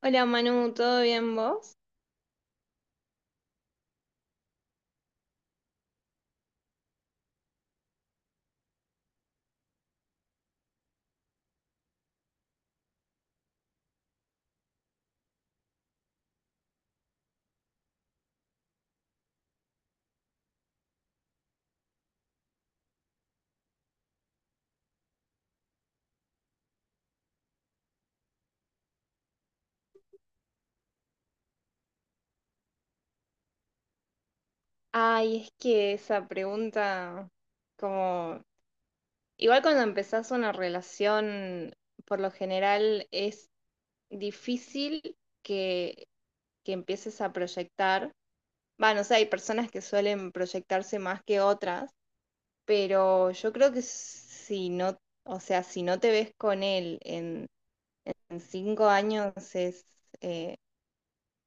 Hola Manu, ¿todo bien vos? Ay, es que esa pregunta, como, igual cuando empezás una relación, por lo general es difícil que, que empieces a proyectar. Bueno, o sea, hay personas que suelen proyectarse más que otras, pero yo creo que si no, o sea, si no te ves con él en 5 años eh,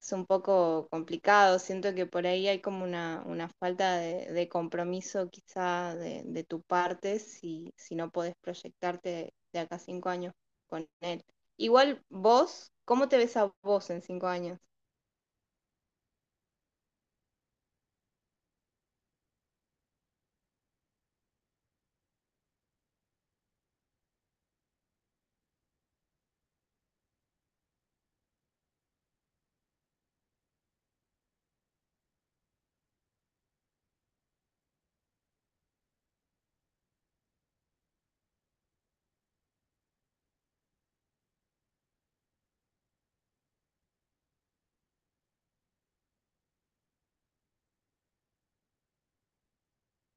es un poco complicado. Siento que por ahí hay como una falta de compromiso quizá de tu parte si, si no podés proyectarte de acá a 5 años con él. Igual vos, ¿cómo te ves a vos en 5 años?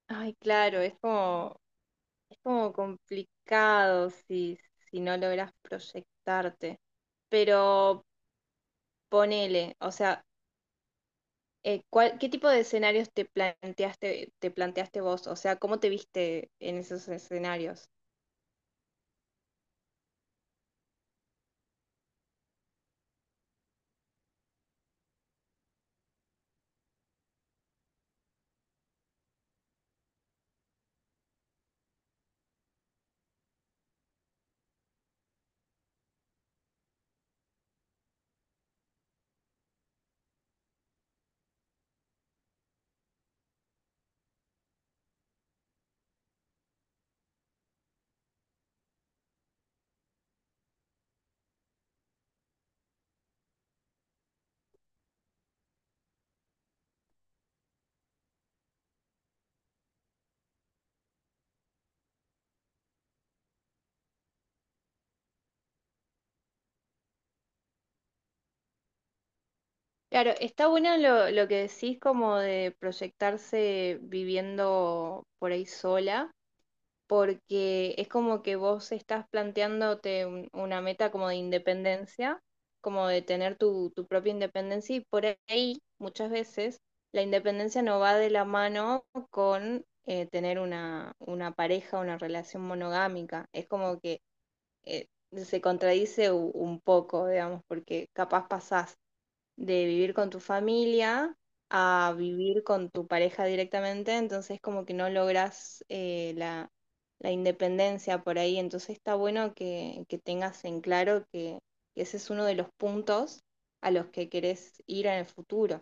Ay, claro, es como complicado si, si no logras proyectarte. Pero ponele, o sea, ¿cuál- qué tipo de escenarios te planteaste vos? O sea, ¿cómo te viste en esos escenarios? Claro, está bueno lo que decís como de proyectarse viviendo por ahí sola, porque es como que vos estás planteándote un- una meta como de independencia, como de tener tu, tu propia independencia y por ahí muchas veces la independencia no va de la mano con tener una pareja, una relación monogámica. Es como que eh, se contradice u- un poco, digamos, porque capaz pasás de vivir con tu familia a vivir con tu pareja directamente, entonces como que no logras la independencia por ahí, entonces está bueno que tengas en claro que ese es uno de los puntos a los que querés ir en el futuro.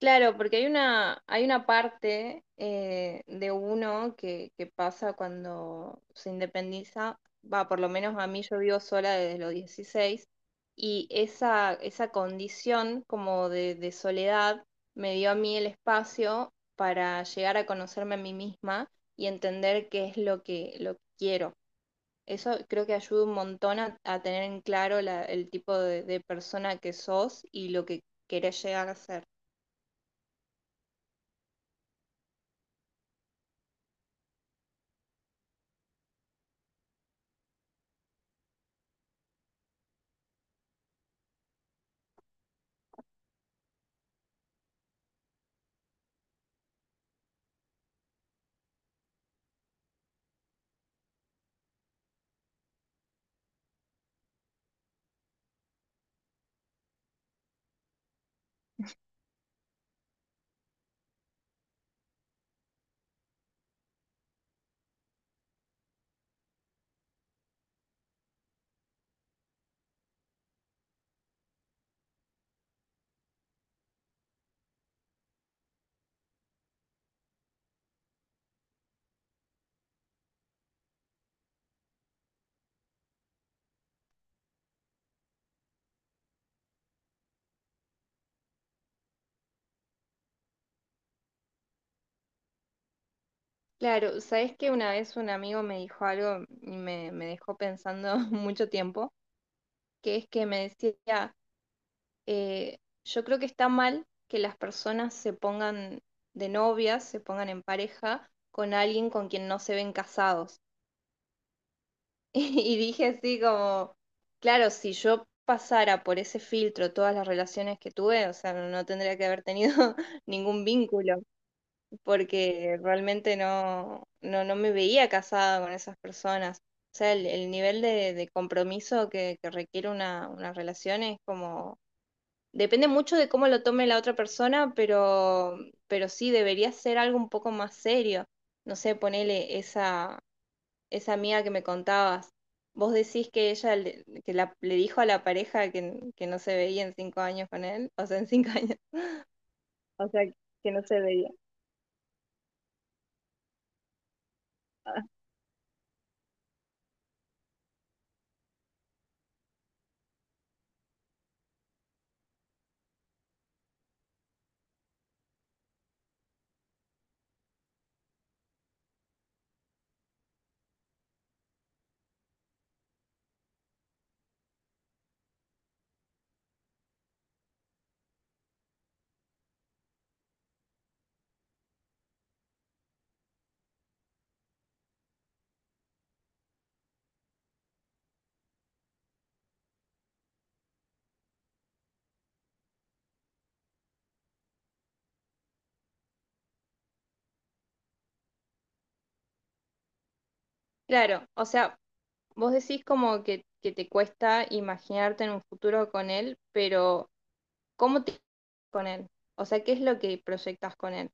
Claro, porque hay una parte de uno que pasa cuando se independiza, va, por lo menos a mí yo vivo sola desde los 16 y esa condición como de soledad me dio a mí el espacio para llegar a conocerme a mí misma y entender qué es lo que quiero. Eso creo que ayuda un montón a tener en claro la- el tipo de persona que sos y lo que querés llegar a ser. Claro, sabes que una vez un amigo me dijo algo y me dejó pensando mucho tiempo, que es que me decía, eh, yo creo que está mal que las personas se pongan de novias, se pongan en pareja con alguien con quien no se ven casados. Y dije así como, claro, si yo pasara por ese filtro todas las relaciones que tuve, o sea, no tendría que haber tenido ningún vínculo, porque realmente no, no, no me veía casada con esas personas. O sea, el nivel de compromiso que requiere una relación es como... Depende mucho de cómo lo tome la otra persona, pero sí debería ser algo un poco más serio. No sé, ponele esa, esa amiga que me contabas. ¿Vos decís que ella le, que la, le dijo a la pareja que no se veía en 5 años con él? O sea, en 5 años. O sea, que no se veía. Ah. Claro, o sea, vos decís como que te cuesta imaginarte en un futuro con él, pero ¿cómo te con él? O sea, ¿qué es lo que proyectas con él?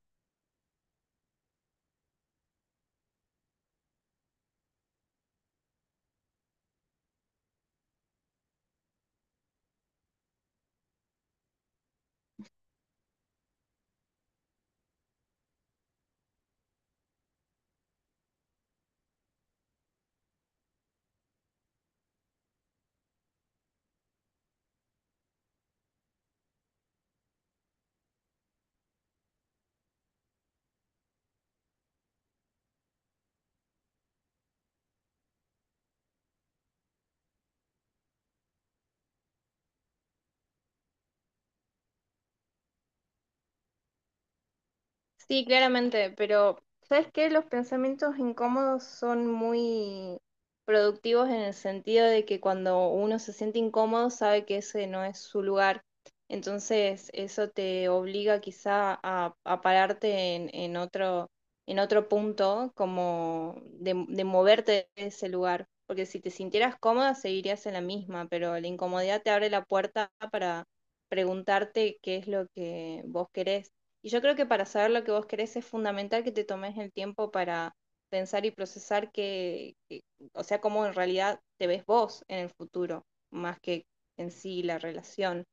Sí, claramente, pero ¿sabes qué? Los pensamientos incómodos son muy productivos en el sentido de que cuando uno se siente incómodo sabe que ese no es su lugar. Entonces, eso te obliga quizá a pararte en otro punto, como de moverte de ese lugar. Porque si te sintieras cómoda, seguirías en la misma, pero la incomodidad te abre la puerta para preguntarte qué es lo que vos querés. Y yo creo que para saber lo que vos querés es fundamental que te tomes el tiempo para pensar y procesar que- o sea, cómo en realidad te ves vos en el futuro, más que en sí la relación,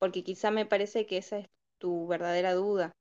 porque quizá me parece que esa es tu verdadera duda.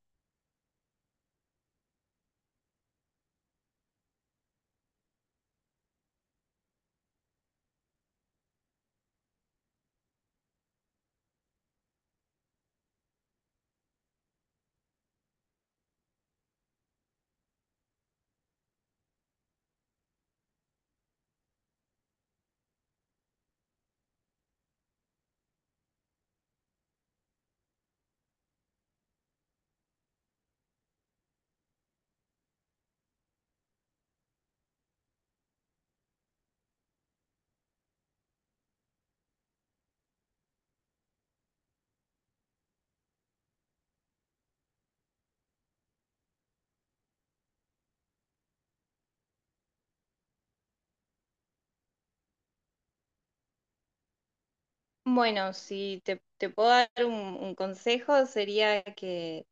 Bueno, si te, te puedo dar un consejo sería que,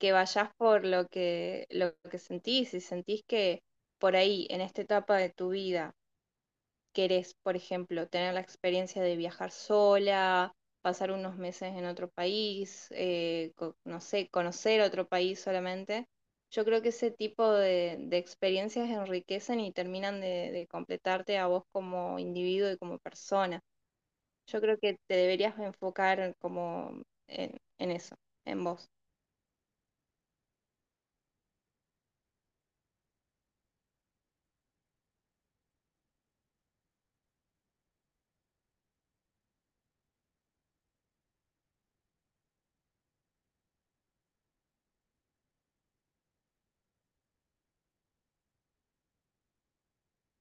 que vayas por lo que sentís, si sentís que por ahí, en esta etapa de tu vida, querés, por ejemplo, tener la experiencia de viajar sola, pasar unos meses en otro país, co- no sé, conocer otro país solamente. Yo creo que ese tipo de experiencias enriquecen y terminan de completarte a vos como individuo y como persona. Yo creo que te deberías enfocar como en eso, en vos.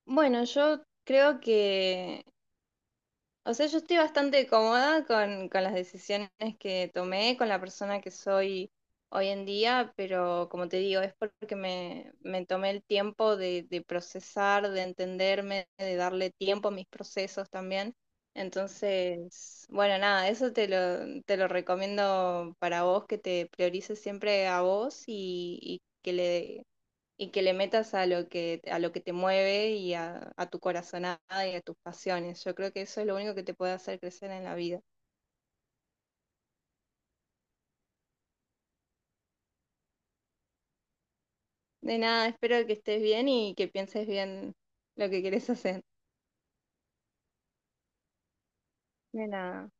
Bueno, yo creo que o sea, yo estoy bastante cómoda con las decisiones que tomé, con la persona que soy hoy en día, pero como te digo, es porque me tomé el tiempo de procesar, de entenderme, de darle tiempo a mis procesos también. Entonces, bueno, nada, eso te lo recomiendo para vos, que te priorices siempre a vos y que le metas a lo que te mueve y a tu corazonada y a tus pasiones. Yo creo que eso es lo único que te puede hacer crecer en la vida. De nada, espero que estés bien y que pienses bien lo que quieres hacer. De nada.